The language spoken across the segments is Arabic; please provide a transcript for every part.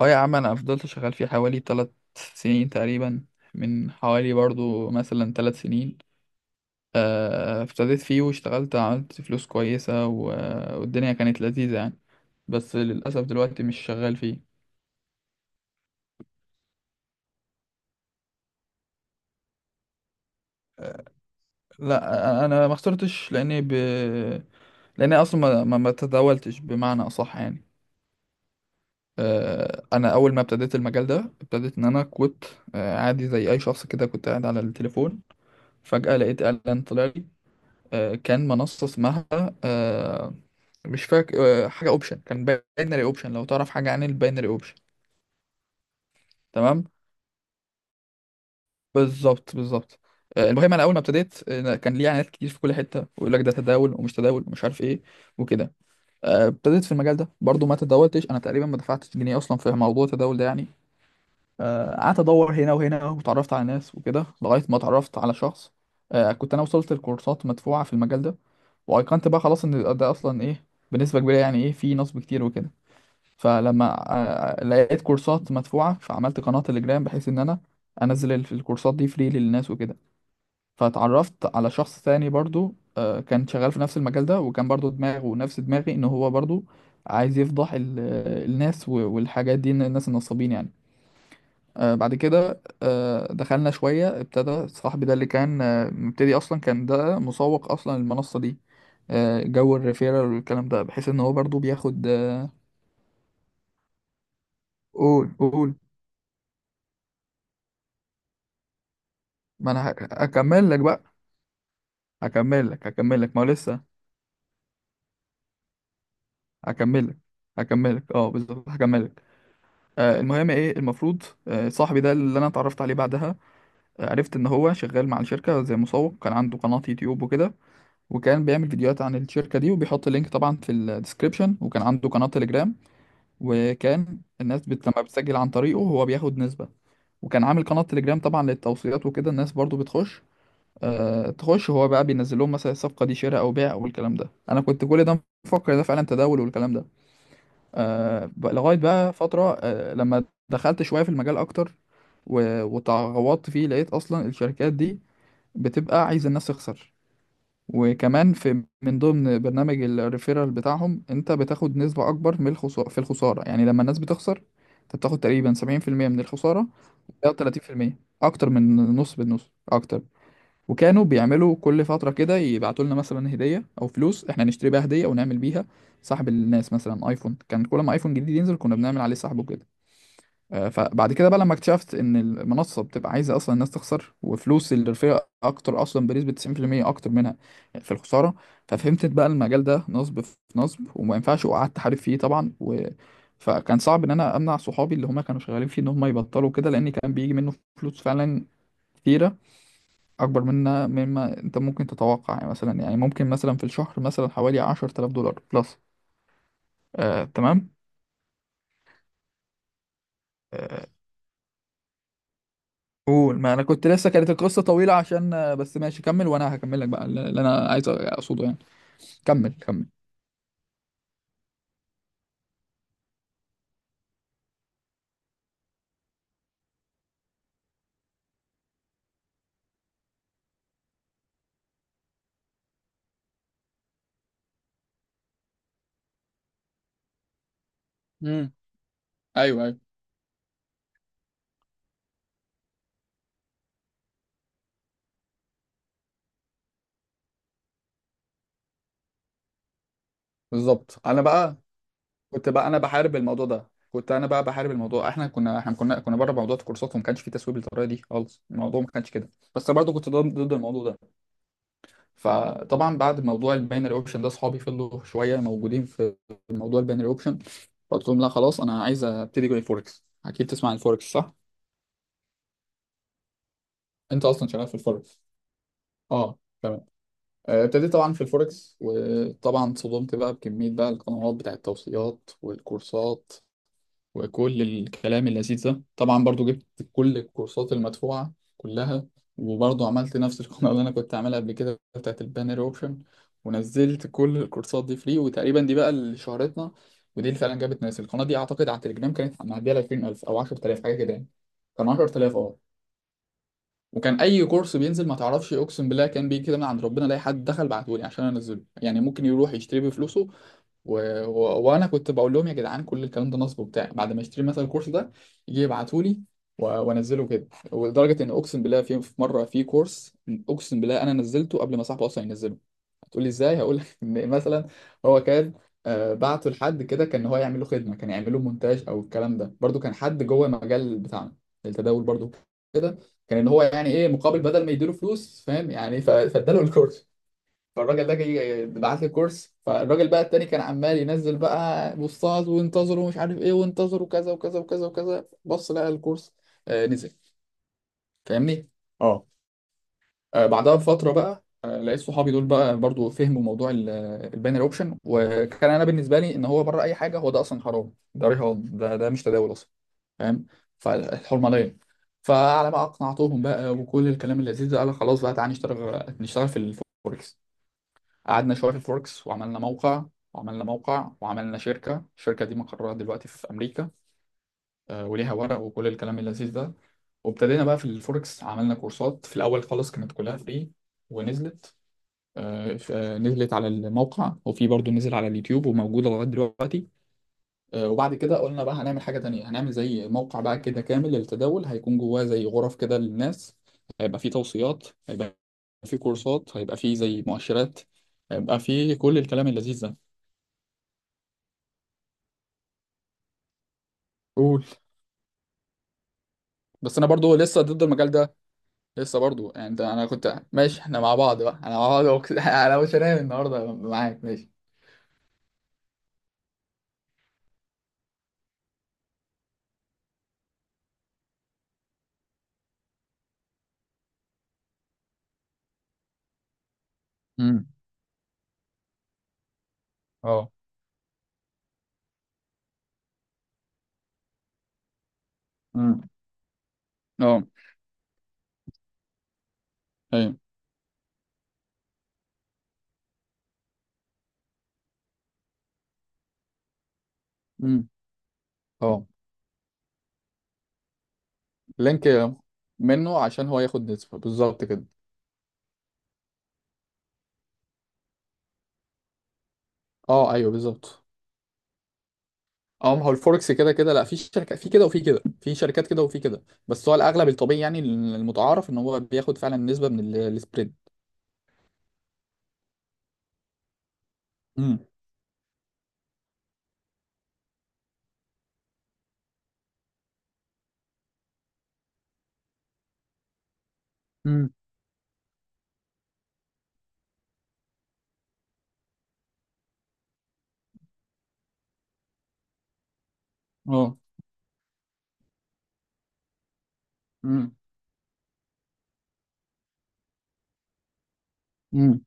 اه يا عم انا فضلت شغال فيه حوالي تلات سنين تقريبا. من حوالي برضو مثلا تلات سنين. ابتديت فيه واشتغلت عملت فلوس كويسة و- والدنيا كانت لذيذة يعني. بس للأسف دلوقتي مش شغال فيه. لا أنا ما خسرتش لأني ب... لأني أصلا ما تداولتش بمعنى أصح يعني. أنا أول ما ابتديت المجال ده ابتديت إن أنا كنت عادي زي أي شخص كده كنت قاعد على التليفون. فجأة لقيت إعلان طلع لي. كان منصة اسمها آه، مش فاكر. حاجة اوبشن كان باينري اوبشن، لو تعرف حاجة عن الباينري اوبشن. تمام. بالظبط. المهم انا اول ما ابتديت كان ليه اعلانات كتير في كل حتة ويقول لك ده تداول ومش تداول ومش عارف ايه وكده. ابتديت في المجال ده برضو ما تداولتش، انا تقريبا ما دفعتش جنيه اصلا في موضوع التداول ده يعني. قعدت ادور هنا وهنا وتعرفت على ناس وكده لغايه ما اتعرفت على شخص. كنت انا وصلت لكورسات مدفوعه في المجال ده وايقنت بقى خلاص ان ده اصلا ايه بنسبه كبيره، يعني ايه في نصب كتير وكده. فلما لقيت كورسات مدفوعه فعملت قناه تليجرام بحيث ان انا انزل ال- الكورسات دي فري للناس وكده. فتعرفت على شخص تاني برضو، كان شغال في نفس المجال ده وكان برضو دماغه نفس دماغي ان هو برضو عايز يفضح ال- الناس والحاجات دي، إن الناس النصابين يعني. بعد كده دخلنا شوية، ابتدى صاحبي ده اللي كان مبتدي أصلا، كان ده مسوق أصلا المنصة دي. جو الريفيرال والكلام ده بحيث إن هو برضو بياخد قول قول، ما أنا هك- هكمل لك بقى. هكمل لك ما هو لسه. هكمل لك، هكمل لك اه بالظبط، هكمل لك. المهم ايه المفروض، صاحبي ده اللي انا اتعرفت عليه بعدها، عرفت ان هو شغال مع الشركه زي مسوق. كان عنده قناه يوتيوب وكده، وكان بيعمل فيديوهات عن الشركة دي وبيحط اللينك طبعا في الديسكريبشن، وكان عنده قناة تليجرام. وكان الناس بت... لما بتسجل عن طريقه هو بياخد نسبة. وكان عامل قناة تليجرام طبعا للتوصيات وكده، الناس برضو بتخش، آه تخش، هو بقى بينزل لهم مثلا الصفقة دي شراء أو بيع أو الكلام ده. أنا كنت كل ده مفكر ده فعلا تداول والكلام ده. آه ب- لغاية بقى فترة آه لما دخلت شوية في المجال أكتر و- وتغوطت فيه لقيت أصلا الشركات دي بتبقى عايزة الناس تخسر. وكمان في من ضمن برنامج الريفيرال بتاعهم، انت بتاخد نسبة اكبر من الخسارة، في الخسارة يعني، لما الناس بتخسر انت بتاخد تقريبا 70% من الخسارة او 30%، اكتر من نص، بالنص اكتر. وكانوا بيعملوا كل فترة كده يبعتوا لنا مثلا هدية او فلوس احنا نشتري بيها هدية او نعمل بيها سحب الناس، مثلا ايفون، كان كل ما ايفون جديد ينزل كنا بنعمل عليه سحب وكده. فبعد كده بقى لما اكتشفت ان المنصه بتبقى عايزه اصلا الناس تخسر، وفلوس الرفيع اكتر اصلا بنسبه 90% اكتر منها في الخساره. ففهمت بقى المجال ده نصب في نصب وما ينفعش، وقعدت احارب فيه طبعا و... فكان صعب ان انا امنع صحابي اللي هم كانوا شغالين فيه ان هم يبطلوا كده، لان كان بيجي منه فلوس فعلا كتيره اكبر منها مما انت ممكن تتوقع، يعني مثلا يعني ممكن مثلا في الشهر مثلا حوالي 10,000 دولار بلس. تمام. آه، قول ما انا كنت لسه، كانت القصه طويله عشان بس، ماشي كمل وانا هكمل لك بقى اللي انا عايز اقصده يعني. كمل. امم. ايوه ايوه بالظبط. انا بقى كنت بقى انا بحارب الموضوع ده. كنت انا بقى بحارب الموضوع، احنا كنا بره موضوع الكورسات، وما كانش في تسويق بالطريقه دي خالص، الموضوع ما كانش كده. بس برضه كنت ضد الموضوع ده. فطبعا بعد موضوع الباينري اوبشن ده، اصحابي فضلوا شويه موجودين في موضوع الباينري اوبشن. قلت لهم لا خلاص انا عايز ابتدي جوي فوركس، اكيد تسمع عن الفوركس صح. انت اصلا شغال في الفوركس. اه. ابتديت طبعا في الفوركس، وطبعا اتصدمت بقى بكمية بقى القنوات بتاع التوصيات والكورسات وكل الكلام اللذيذ ده. طبعا برضو جبت كل الكورسات المدفوعة كلها، وبرضو عملت نفس القناة اللي أنا كنت عاملها قبل كده بتاعت البانر أوبشن. ونزلت كل الكورسات دي فري، وتقريبا دي بقى اللي شهرتنا ودي اللي فعلا جابت ناس. القناة دي أعتقد على التليجرام كانت معدية ل 20,000 أو 10,000، حاجة كده يعني. كان 10,000 اه. وكان اي كورس بينزل ما تعرفش، اقسم بالله كان بيجي كده من عند ربنا، الاقي حد دخل بعته لي عشان انزله يعني، ممكن يروح يشتري بفلوسه و... و... وانا كنت بقول لهم يا جدعان كل الكلام ده نصب وبتاع. بعد ما اشتري مثلا الكورس ده يجي يبعتوا لي و... وانزله كده. ولدرجه ان اقسم بالله في في مره في كورس، اقسم بالله انا نزلته قبل ما صاحبه اصلا ينزله. هتقول لي ازاي؟ هقول لك ان مثلا هو كان بعته لحد كده كان هو يعمل له خدمه، كان يعمل له مونتاج او الكلام ده، برضو كان حد جوه المجال بتاعنا التداول برضو كده، كان ان هو يعني ايه مقابل بدل ما يديله فلوس فاهم يعني، ف- فاداله الكورس. فالراجل ده جاي بعت لي كورس. فالراجل بقى التاني كان عمال ينزل بقى بوستات، وانتظروا مش عارف ايه وانتظروا كذا وكذا وكذا وكذا، بص لقى الكورس نزل. فاهمني. اه. بعدها بفترة بقى لقيت صحابي دول بقى برضو فهموا موضوع الباينري اوبشن. وكان انا بالنسبة لي ان هو بره اي حاجة، هو ده اصلا حرام، ده رهان، ده ده مش تداول اصلا، فاهم. فالحرمة ليا. فعلى ما اقنعتهم بقى وكل الكلام اللذيذ ده، قال خلاص بقى تعالى نشتغل، نشتغل في الفوركس. قعدنا شويه في فوركس وعملنا موقع. وعملنا موقع وعملنا شركه، الشركه دي مقرها دلوقتي في امريكا. وليها ورق وكل الكلام اللذيذ ده. وابتدينا بقى في الفوركس، عملنا كورسات في الاول خالص كانت كلها فري، ونزلت نزلت على الموقع، وفي برضو نزل على اليوتيوب وموجوده لغايه دلوقتي. وبعد كده قلنا بقى هنعمل حاجه تانية، هنعمل زي موقع بقى كده كامل للتداول، هيكون جواه زي غرف كده للناس، هيبقى فيه توصيات، هيبقى فيه كورسات، هيبقى فيه زي مؤشرات، هيبقى فيه كل الكلام اللذيذ ده. قول. بس انا برضو لسه ضد المجال ده، لسه برضو يعني. ده انا كنت ماشي احنا مع بعض بقى، انا مع بعض وك- انا مش هنام النهارده معاك ماشي. امم. اه. امم. اه. ايوه. امم. اه. لينك منه عشان هو ياخد نسبة بالظبط كده. اه ايوه بالظبط. اه ما هو الفوركس كده كده، لا في شركة في كده وفي كده، في شركات كده وفي كده، بس هو الاغلب الطبيعي يعني المتعارف ان هو بياخد فعلا نسبة من ال- السبريد. امم. امم. اه. امم. امم.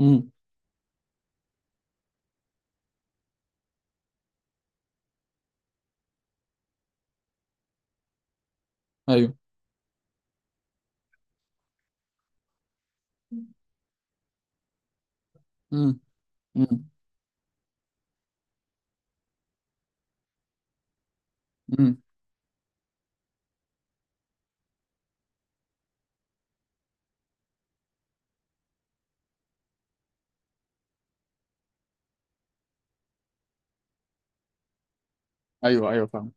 امم. ايوه. امم. امم. ايوه ايوه فاهم.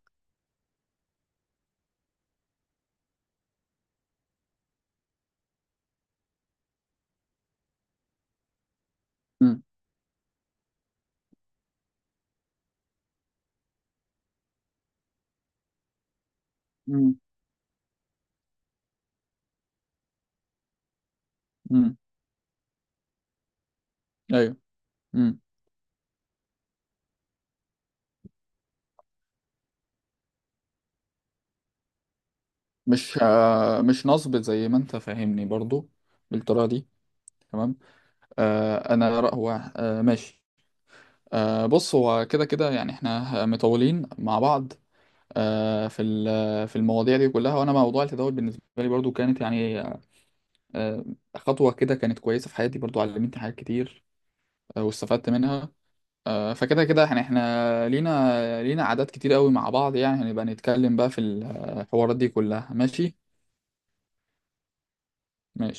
امم. امم. امم. ايوه. امم. مش آه مش نصب زي ما انت فاهمني برضو بالطريقه دي. تمام. آه انا رأ- هو آه ماشي. آه بص هو كده كده يعني احنا مطولين مع بعض آه في ال- في المواضيع دي كلها. وانا موضوع التداول بالنسبه لي برضو كانت يعني آه خطوه كده كانت كويسه في حياتي، برضو علمتني حاجات كتير آه واستفدت منها. فكده كده يعني احنا لينا لينا عادات كتير قوي مع بعض يعني، هنبقى نتكلم بقى في الحوارات دي كلها ماشي. ماشي.